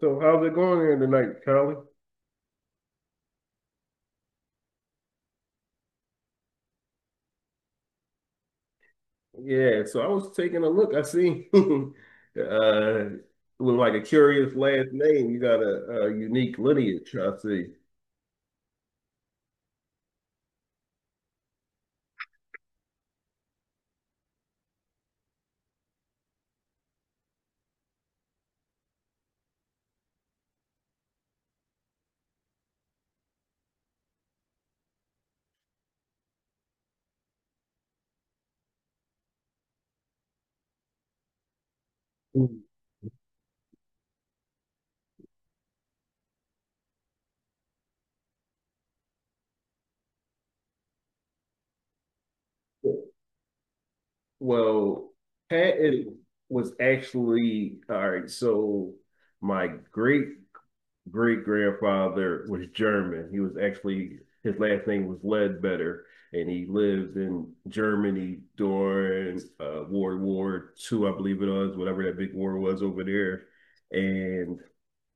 So how's it going here tonight, Charlie? Yeah, so I was taking a look. I see with like a curious last name, you got a unique lineage, I see. Mm. Well, Patton was actually all right, so my great great grandfather was German. He was actually his last name was Ledbetter, and he lived in Germany during World War II, I believe it was, whatever that big war was over there. And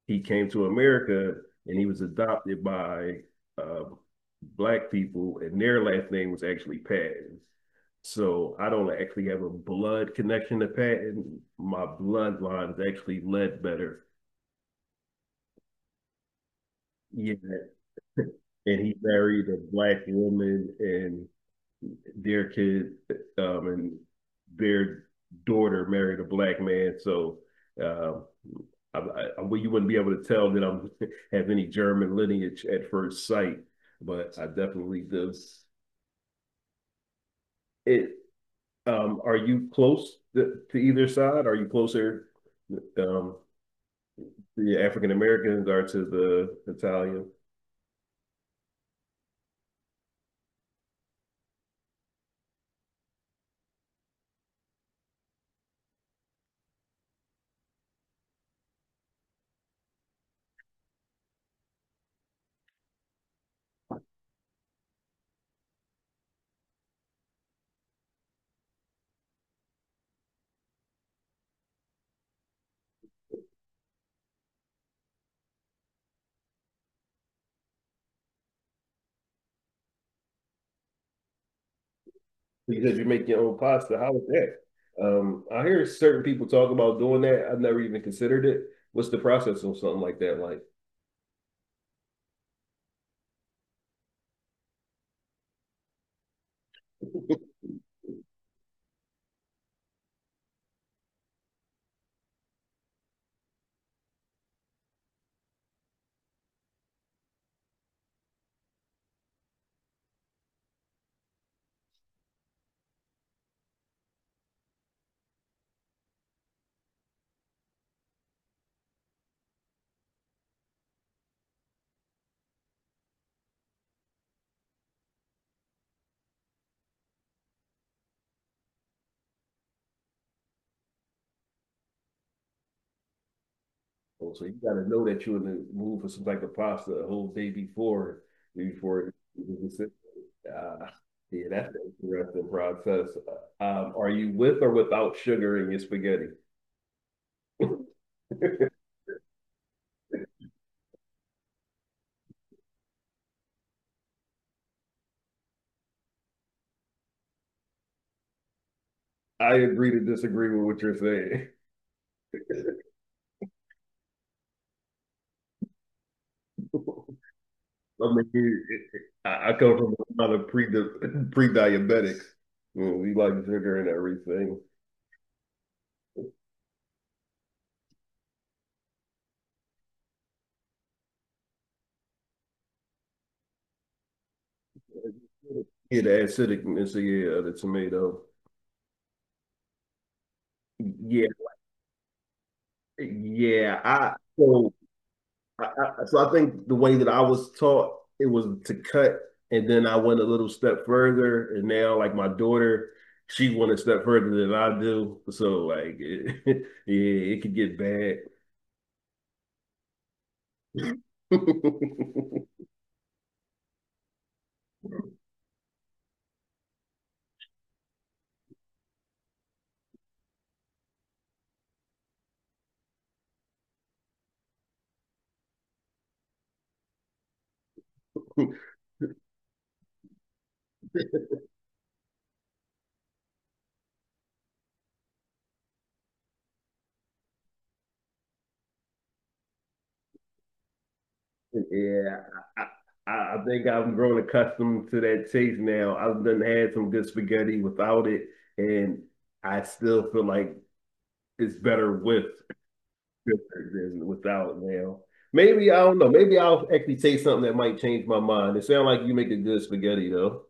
he came to America, and he was adopted by uh, black people, and their last name was actually Patton. So I don't actually have a blood connection to Patton. My bloodline is actually Ledbetter. Yeah, and he married a black woman, and their kid and their daughter married a black man. So um, well, you wouldn't be able to tell that I'm have any German lineage at first sight, but I definitely do. It. Are you close to either side? Are you closer? Um, the African Americans are to the Italian. Because you make your own pasta. How is that? I hear certain people talk about doing that. I've never even considered it. What's the process on something like that? Oh, so you got to know that you're in the mood for some type of pasta a whole day before, before. It, uh, yeah, that's an interesting process. Are you with or without sugar in your spaghetti? I agree to disagree with what you're saying. I mean, it, I come from a another pre diabetic. We like sugar and everything. Yeah, the acidicness, yeah, of the tomato. Yeah, yeah. So I think the way that I was taught it was to cut, and then I went a little step further, and now like my daughter, she went a step further than I do. So yeah, it could get bad. Yeah, I, I, I think I've grown accustomed to that taste now. I've done had some good spaghetti without it, and I still feel like it's better with than without now. Maybe I don't know. Maybe I'll actually taste something that might change my mind. It sounds like you make a good spaghetti though.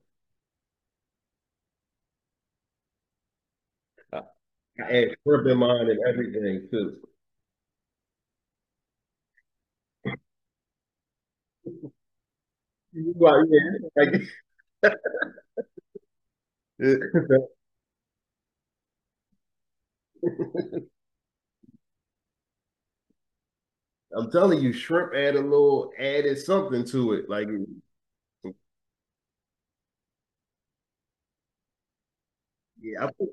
I add shrimp in mine and everything too. You yeah, like- I'm telling you, shrimp add a little added something to it. Like, yeah, I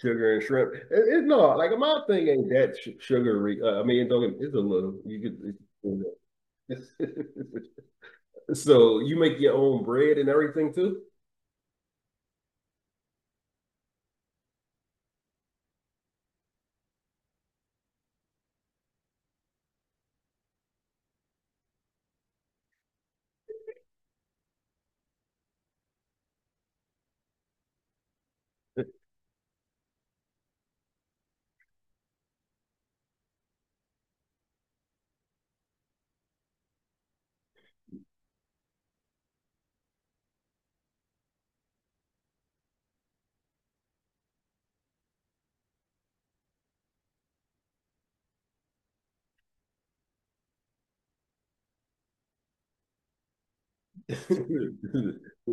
sugar and shrimp. It, no, like my thing ain't that sh- sugary. I mean, don't get, it's a little. You could. It's- it's, so you make your own bread and everything too.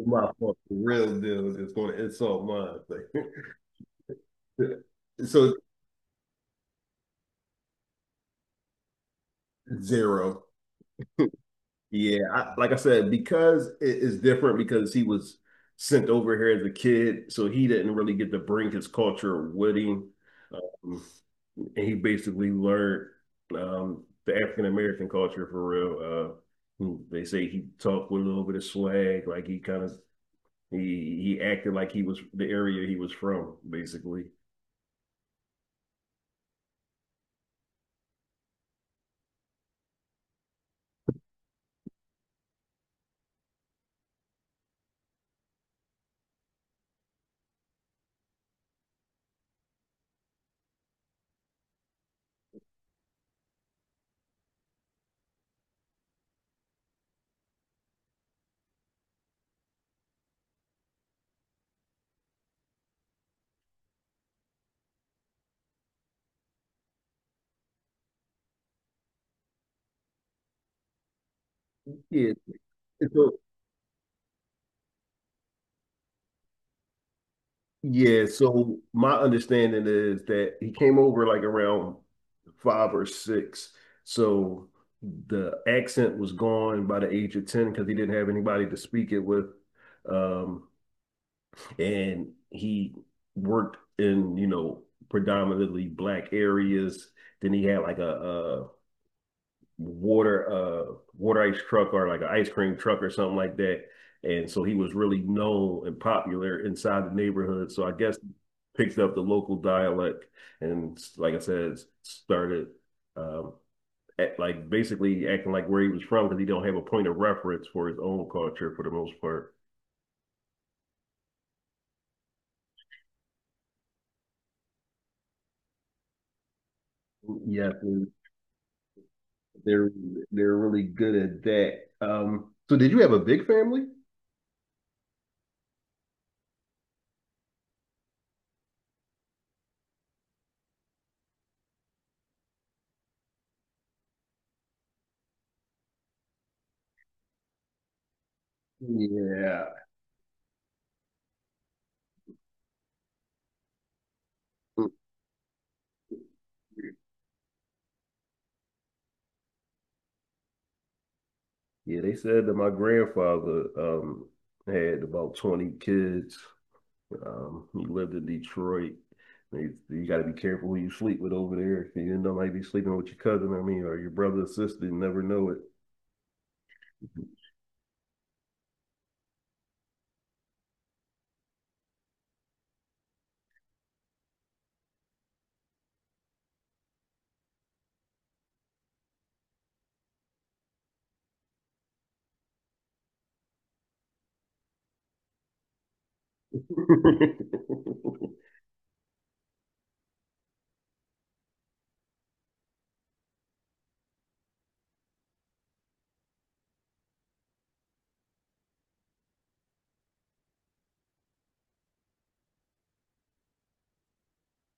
My fucking real deal is going to insult mine. So zero. Yeah, I, like I said, because it is different because he was sent over here as a kid, so he didn't really get to bring his culture with him. Um, and he basically learned the African American culture for real. They say he talked with a little bit of swag, like he kind of he acted like he was the area he was from, basically. Yeah. So, yeah. So my understanding is that he came over like around five or six. So the accent was gone by the age of ten because he didn't have anybody to speak it with. Um, and he worked in, you know, predominantly black areas. Then he had like a water ice truck or like an ice cream truck or something like that. And so he was really known and popular inside the neighborhood. So I guess he picked up the local dialect and, like I said, started um, at, like basically acting like where he was from because he don't have a point of reference for his own culture for the most part. Yes, yeah, they're they're really good at that. So did you have a big family? Yeah, yeah. They said that my grandfather had about 20 kids. He lived in Detroit. You got to be careful who you sleep with over there. If you didn't know, might be sleeping with your cousin. I mean, or your brother or sister. You never know it.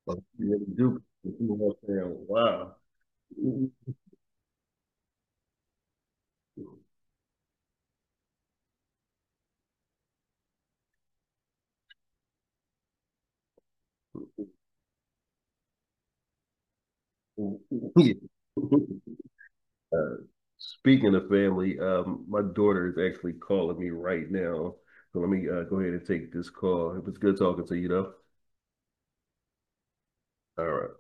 But you really do. Wow. Yeah. Uh, Speaking of family, my daughter is actually calling me right now. So let me go ahead and take this call. It was good talking to you, though. All right.